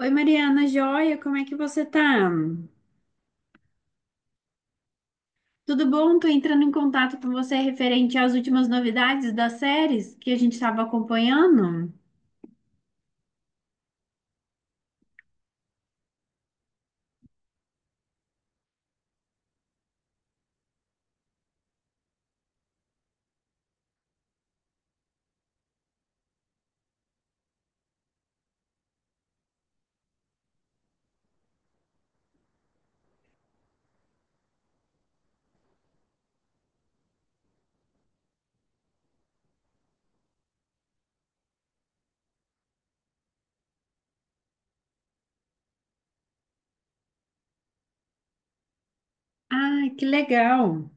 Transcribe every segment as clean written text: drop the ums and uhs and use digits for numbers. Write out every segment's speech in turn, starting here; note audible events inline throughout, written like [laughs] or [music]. Oi, Mariana, joia, como é que você tá? Tudo bom? Tô entrando em contato com você referente às últimas novidades das séries que a gente estava acompanhando. Ah, que legal!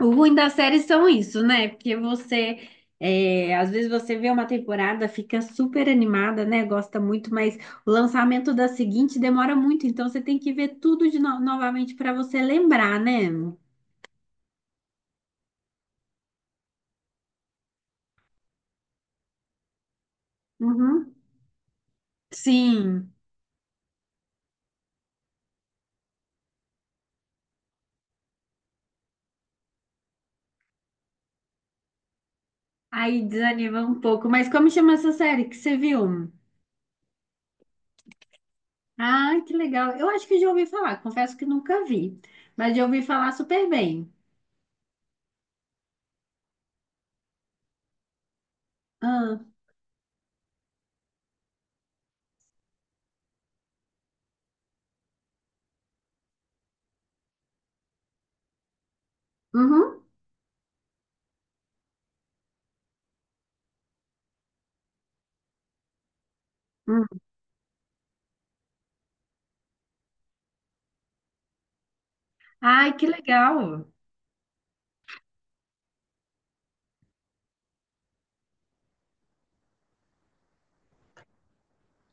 O ruim das séries são isso, né? Porque você, às vezes você vê uma temporada, fica super animada, né? Gosta muito, mas o lançamento da seguinte demora muito, então você tem que ver tudo de novamente para você lembrar, né? Uhum. Sim. Aí desanima um pouco. Mas como chama essa série que você viu? Ah, que legal. Eu acho que já ouvi falar. Confesso que nunca vi. Mas já ouvi falar super bem. Ah, uhum, uhum. Ai, que legal.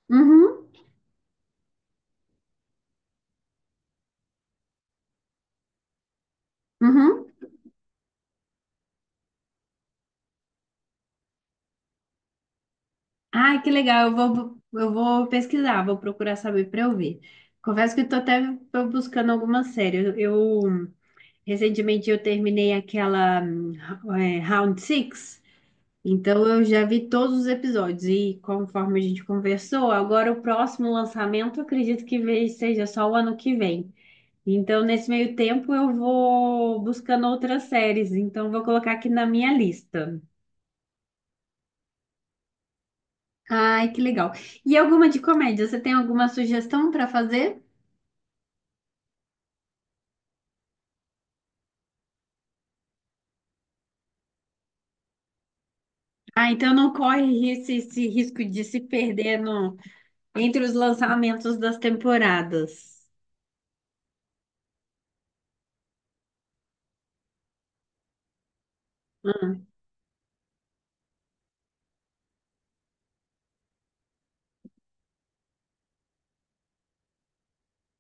Uhum, uhum. Ai, que legal. Eu vou pesquisar, vou procurar saber para eu ver. Confesso que estou até tô buscando alguma série. Eu, recentemente eu terminei aquela Round Six. Então eu já vi todos os episódios e conforme a gente conversou, agora o próximo lançamento eu acredito que seja só o ano que vem. Então nesse meio tempo eu vou buscando outras séries, então vou colocar aqui na minha lista. Ai, que legal. E alguma de comédia? Você tem alguma sugestão para fazer? Ah, então não corre esse risco de se perder entre os lançamentos das temporadas. Hum.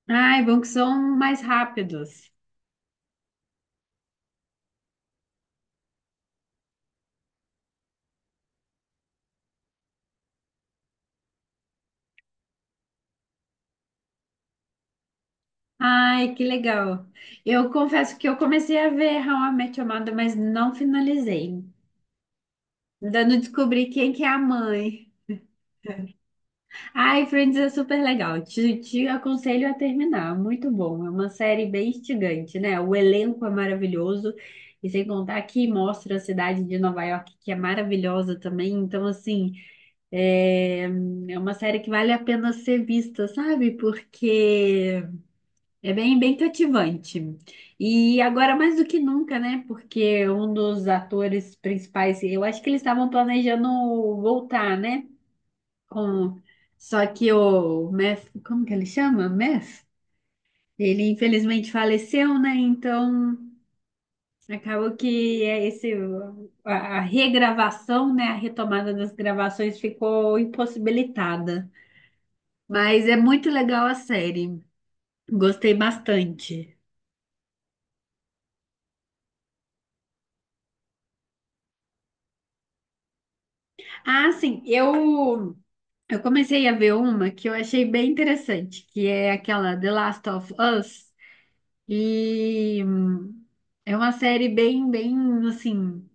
Ai, bom que são mais rápidos. Ai, que legal. Eu confesso que eu comecei a ver How I Met Your Mother, mas não finalizei. Ainda não descobri quem que é a mãe. Ai, Friends é super legal. Te aconselho a terminar. Muito bom. É uma série bem instigante, né? O elenco é maravilhoso. E sem contar que mostra a cidade de Nova York, que é maravilhosa também. Então, assim, é, é uma série que vale a pena ser vista, sabe? Porque é bem cativante. E agora mais do que nunca, né? Porque um dos atores principais, eu acho que eles estavam planejando voltar, né? Com... Só que o Meth, como que ele chama? Meth? Ele infelizmente faleceu, né? Então acabou que é esse a regravação, né? A retomada das gravações ficou impossibilitada. Mas é muito legal a série. Gostei bastante. Ah, sim, eu comecei a ver uma que eu achei bem interessante, que é aquela The Last of Us, e é uma série bem assim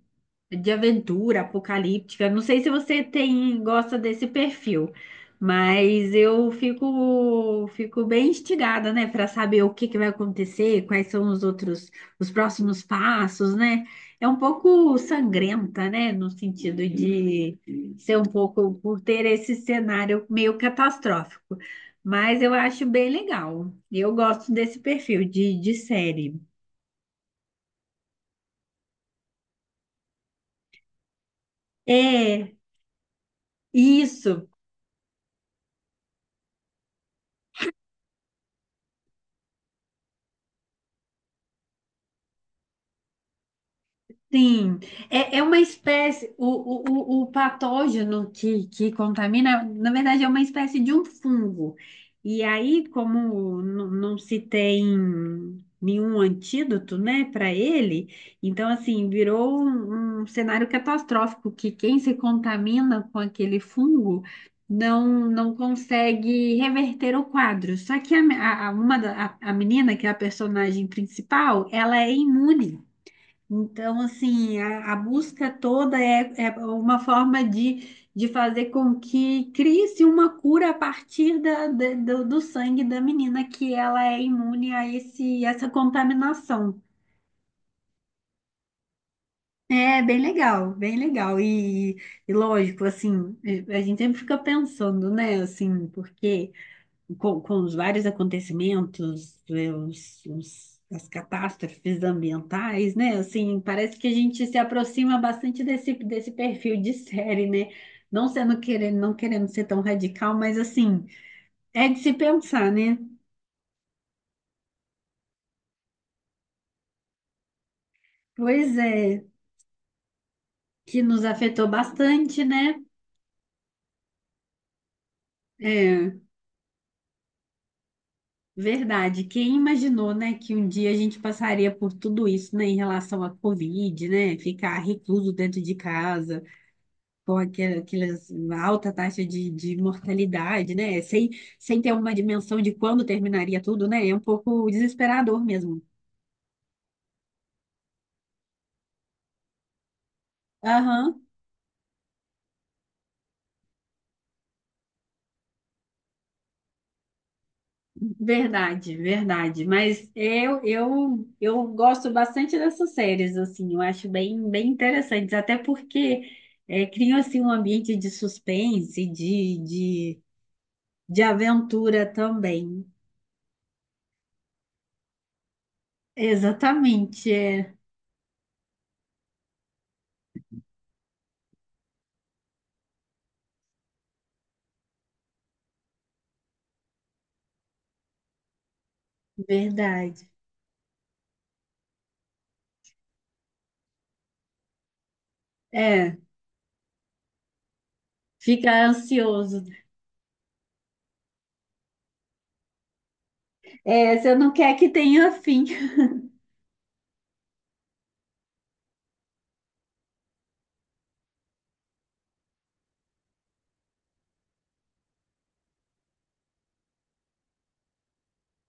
de aventura, apocalíptica. Não sei se você tem gosta desse perfil, mas eu fico bem instigada, né, para saber o que que vai acontecer, quais são os outros os próximos passos, né? É um pouco sangrenta, né, no sentido de ser um pouco por ter esse cenário meio catastrófico. Mas eu acho bem legal. Eu gosto desse perfil de série. É, isso. Sim, é uma espécie, o patógeno que contamina, na verdade, é uma espécie de um fungo. E aí, como não se tem nenhum antídoto, né, para ele, então, assim, virou um cenário catastrófico, que quem se contamina com aquele fungo não consegue reverter o quadro. Só que a menina, que é a personagem principal, ela é imune. Então, assim, a busca toda é uma forma de fazer com que crie-se uma cura a partir do sangue da menina, que ela é imune a essa contaminação. É bem legal, bem legal. E lógico, assim, a gente sempre fica pensando, né, assim, porque com os vários acontecimentos, as catástrofes ambientais, né? Assim, parece que a gente se aproxima bastante desse perfil de série, né? Não querendo ser tão radical, mas assim, é de se pensar, né? Pois é, que nos afetou bastante, né? É, verdade. Quem imaginou, né, que um dia a gente passaria por tudo isso, né, em relação à Covid, né? Ficar recluso dentro de casa. Pô, aquele- aquelas uma alta taxa de mortalidade, né? Sem, sem ter uma dimensão de quando terminaria tudo, né? É um pouco desesperador mesmo. Aham, verdade, verdade. Mas eu gosto bastante dessas séries, assim, eu acho bem, bem interessantes, até porque criam, assim, um ambiente de suspense, de aventura também. Exatamente, é verdade. É, fica ansioso. É, você não quer que tenha fim. [laughs]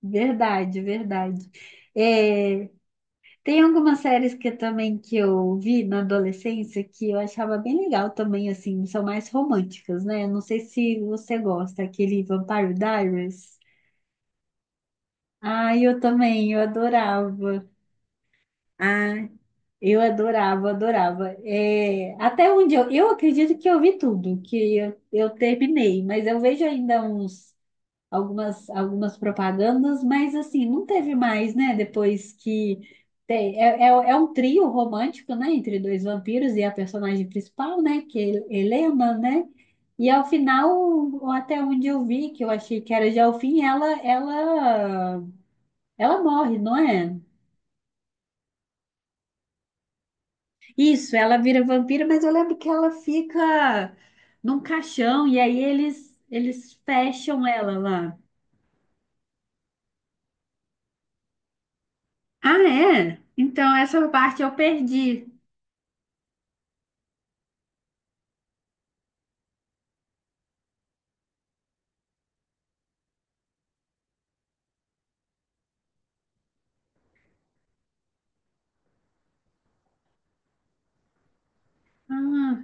Verdade, verdade. É, tem algumas séries que também que eu vi na adolescência que eu achava bem legal também, assim, são mais românticas, né? Não sei se você gosta, aquele Vampire Diaries. Ah, eu também, eu adorava. Ah, eu adorava, adorava. É, até onde eu acredito que eu vi tudo, que eu terminei, mas eu vejo ainda uns algumas, algumas propagandas, mas assim, não teve mais, né? Depois que tem- é, é um trio romântico, né? Entre dois vampiros e a personagem principal, né? Que é Helena, né? E ao final, ou até onde eu vi, que eu achei que era já o fim, ela morre, não é? Isso, ela vira vampira, mas eu lembro que ela fica num caixão e aí eles fecham ela lá. Ah, é? Então essa parte eu perdi. Ah,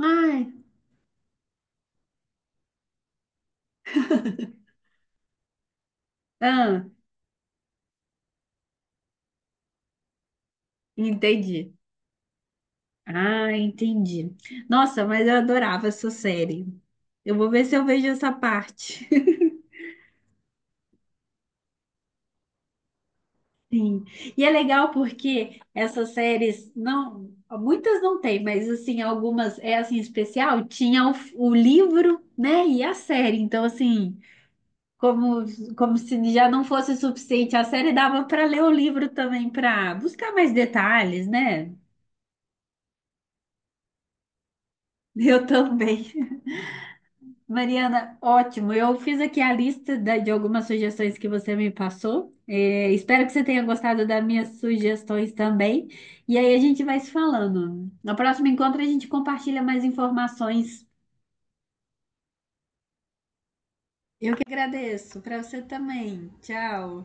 ai, ah, entendi. Ah, entendi. Nossa, mas eu adorava essa série. Eu vou ver se eu vejo essa parte. [laughs] Sim. E é legal porque essas séries não, muitas não tem, mas assim, algumas é assim especial, tinha o livro, né, e a série. Então assim, como como se já não fosse suficiente, a série dava para ler o livro também para buscar mais detalhes, né? [laughs] Eu também. Mariana, ótimo. Eu fiz aqui a lista de algumas sugestões que você me passou. É, espero que você tenha gostado das minhas sugestões também. E aí a gente vai se falando. No próximo encontro a gente compartilha mais informações. Eu que agradeço. Para você também. Tchau.